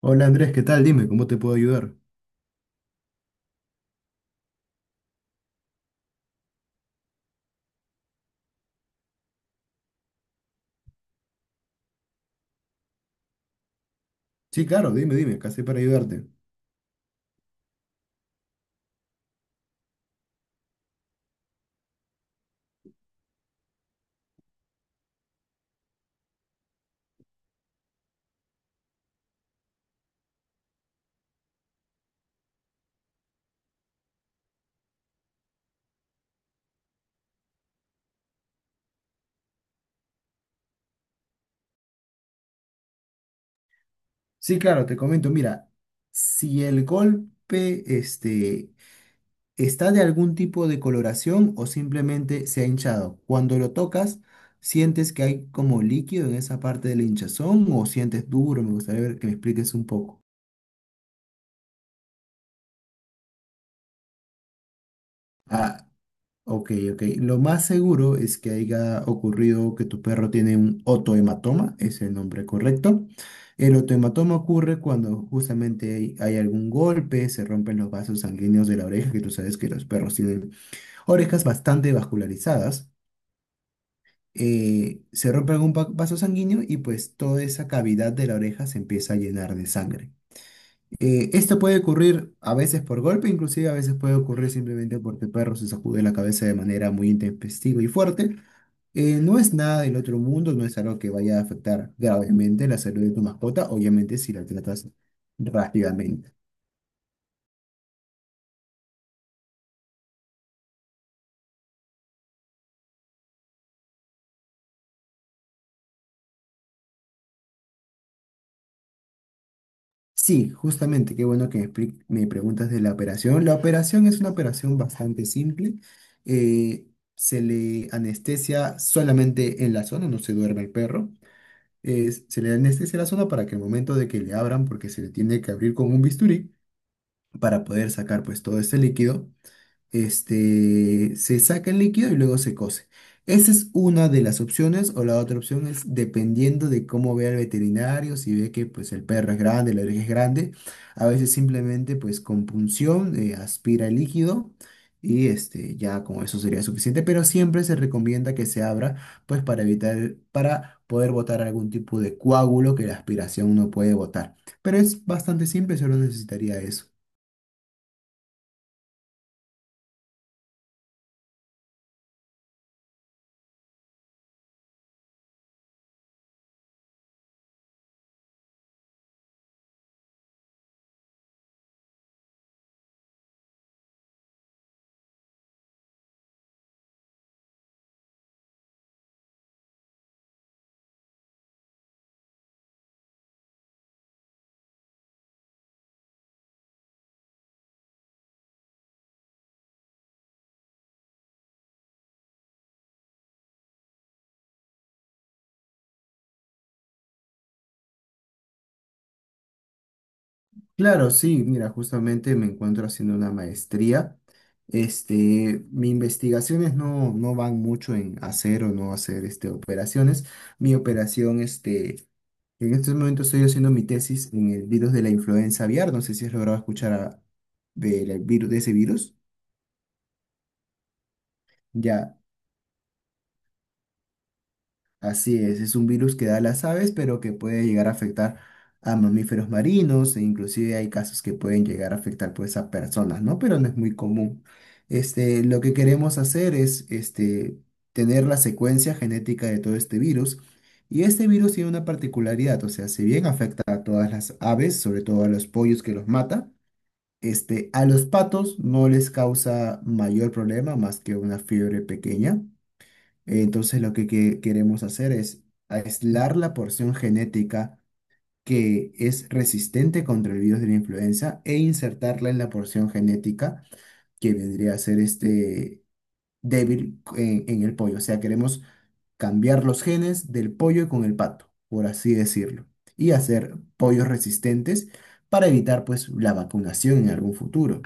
Hola Andrés, ¿qué tal? Dime, ¿cómo te puedo ayudar? Sí, claro, dime, dime, ¿qué haces para ayudarte? Sí, claro, te comento, mira, si el golpe este, está de algún tipo de coloración o simplemente se ha hinchado, cuando lo tocas, ¿sientes que hay como líquido en esa parte de la hinchazón o sientes duro? Me gustaría ver que me expliques un poco. Ah. Ok, ok. Lo más seguro es que haya ocurrido que tu perro tiene un otohematoma, es el nombre correcto. El otohematoma ocurre cuando justamente hay, hay algún golpe, se rompen los vasos sanguíneos de la oreja, que tú sabes que los perros tienen orejas bastante vascularizadas. eh, se rompe algún va- vaso sanguíneo y pues toda esa cavidad de la oreja se empieza a llenar de sangre. Eh, esto puede ocurrir a veces por golpe, inclusive a veces puede ocurrir simplemente porque el perro se sacude la cabeza de manera muy intempestiva y fuerte. Eh, no es nada del otro mundo, no es algo que vaya a afectar gravemente la salud de tu mascota, obviamente si la tratas rápidamente. Sí, justamente, qué bueno que me, expli- me preguntas de la operación. La operación es una operación bastante simple. Eh, se le anestesia solamente en la zona, no se duerme el perro. eh, se le anestesia la zona para que al momento de que le abran, porque se le tiene que abrir con un bisturí, para poder sacar pues todo este líquido, este, se saca el líquido y luego se cose. Esa es una de las opciones, o la otra opción es dependiendo de cómo vea el veterinario, si ve que pues el perro es grande, la oreja es grande, a veces simplemente pues con punción eh, aspira el líquido y este ya con eso sería suficiente, pero siempre se recomienda que se abra pues para evitar, para poder botar algún tipo de coágulo que la aspiración no puede botar. Pero es bastante simple, solo necesitaría eso. Claro, sí, mira, justamente me encuentro haciendo una maestría. Este, mis investigaciones no, no van mucho en hacer o no hacer este, operaciones. Mi operación, este, en estos momentos estoy haciendo mi tesis en el virus de la influenza aviar. No sé si has logrado escuchar a- del virus, de ese virus. Ya, Así es, es un virus que da a las aves, pero que puede llegar a afectar a mamíferos marinos e inclusive hay casos que pueden llegar a afectar pues a personas, ¿no? Pero no es muy común. Este, lo que queremos hacer es este, tener la secuencia genética de todo este virus y este virus tiene una particularidad, o sea, si bien afecta a todas las aves, sobre todo a los pollos que los mata, este, a los patos no les causa mayor problema más que una fiebre pequeña. Entonces lo que, que- queremos hacer es aislar la porción genética que es resistente contra el virus de la influenza e insertarla en la porción genética que vendría a ser este débil en, en el pollo. O sea, queremos cambiar los genes del pollo con el pato, por así decirlo, y hacer pollos resistentes para evitar pues la vacunación en algún futuro.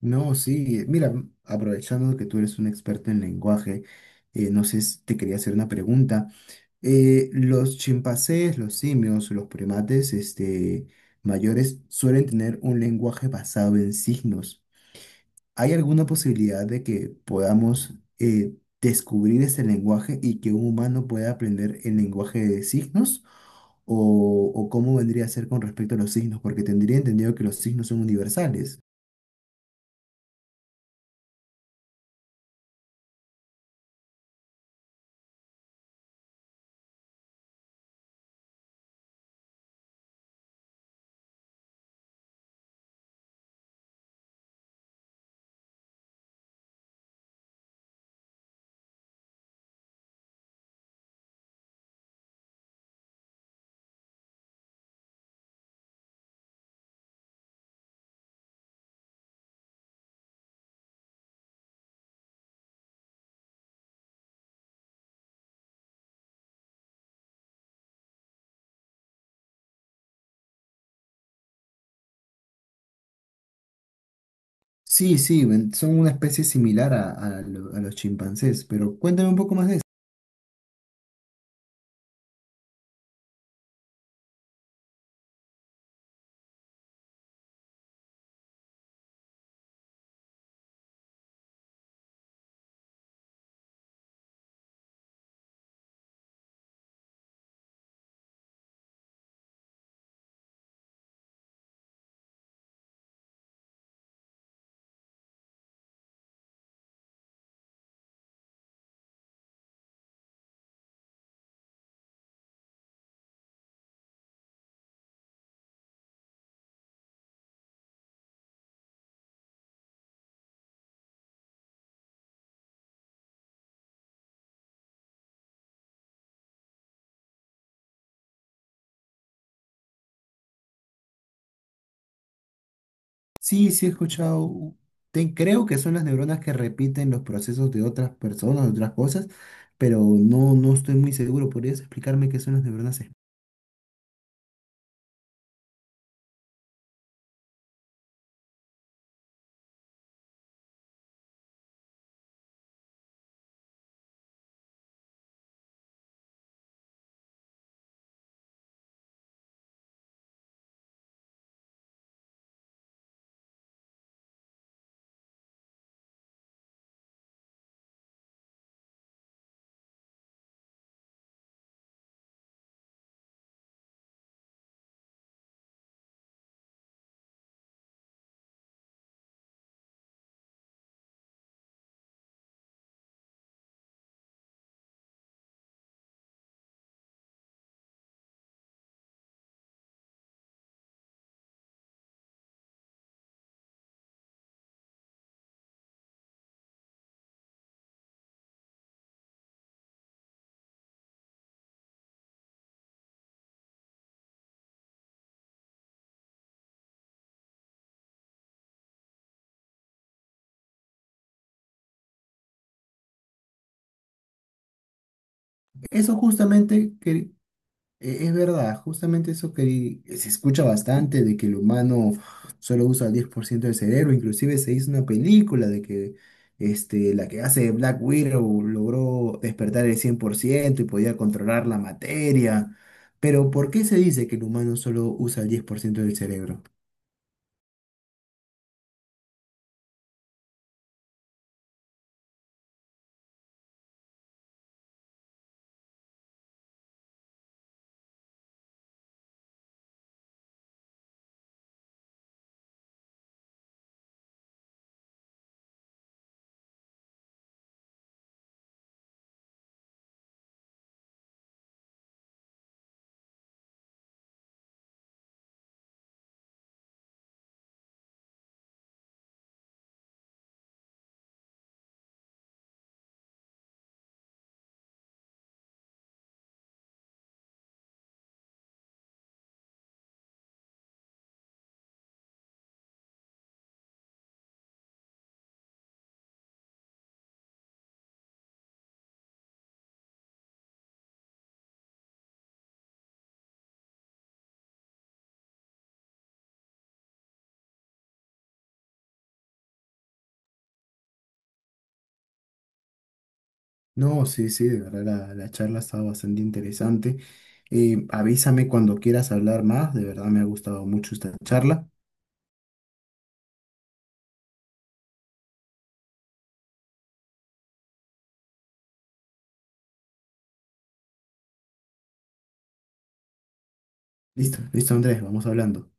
No, sí, mira, aprovechando que tú eres un experto en lenguaje, eh, no sé si te quería hacer una pregunta. Eh, los chimpancés, los simios, los primates, este, mayores suelen tener un lenguaje basado en signos. ¿Hay alguna posibilidad de que podamos eh, descubrir ese lenguaje y que un humano pueda aprender el lenguaje de signos? ¿O, o cómo vendría a ser con respecto a los signos? Porque tendría entendido que los signos son universales. Sí, sí, ven- son una especie similar a, a lo- a los chimpancés, pero cuéntame un poco más de eso. Sí, sí he escuchado, u- te- creo que son las neuronas que repiten los procesos de otras personas, de otras cosas, pero no, no estoy muy seguro. ¿Podrías explicarme qué son las neuronas? espe- Eso justamente E- Es verdad, justamente eso que se escucha bastante, de que el humano solo usa el 10% del cerebro, inclusive se hizo una película de que este, la que hace Black Widow logró despertar el 100% y podía controlar la materia. Pero ¿por qué se dice que el humano solo usa el 10% del cerebro? No, sí, sí, de verdad la, la charla estaba bastante interesante. Eh, avísame cuando quieras hablar más, de verdad me ha gustado mucho esta charla. Listo, listo Andrés, vamos hablando.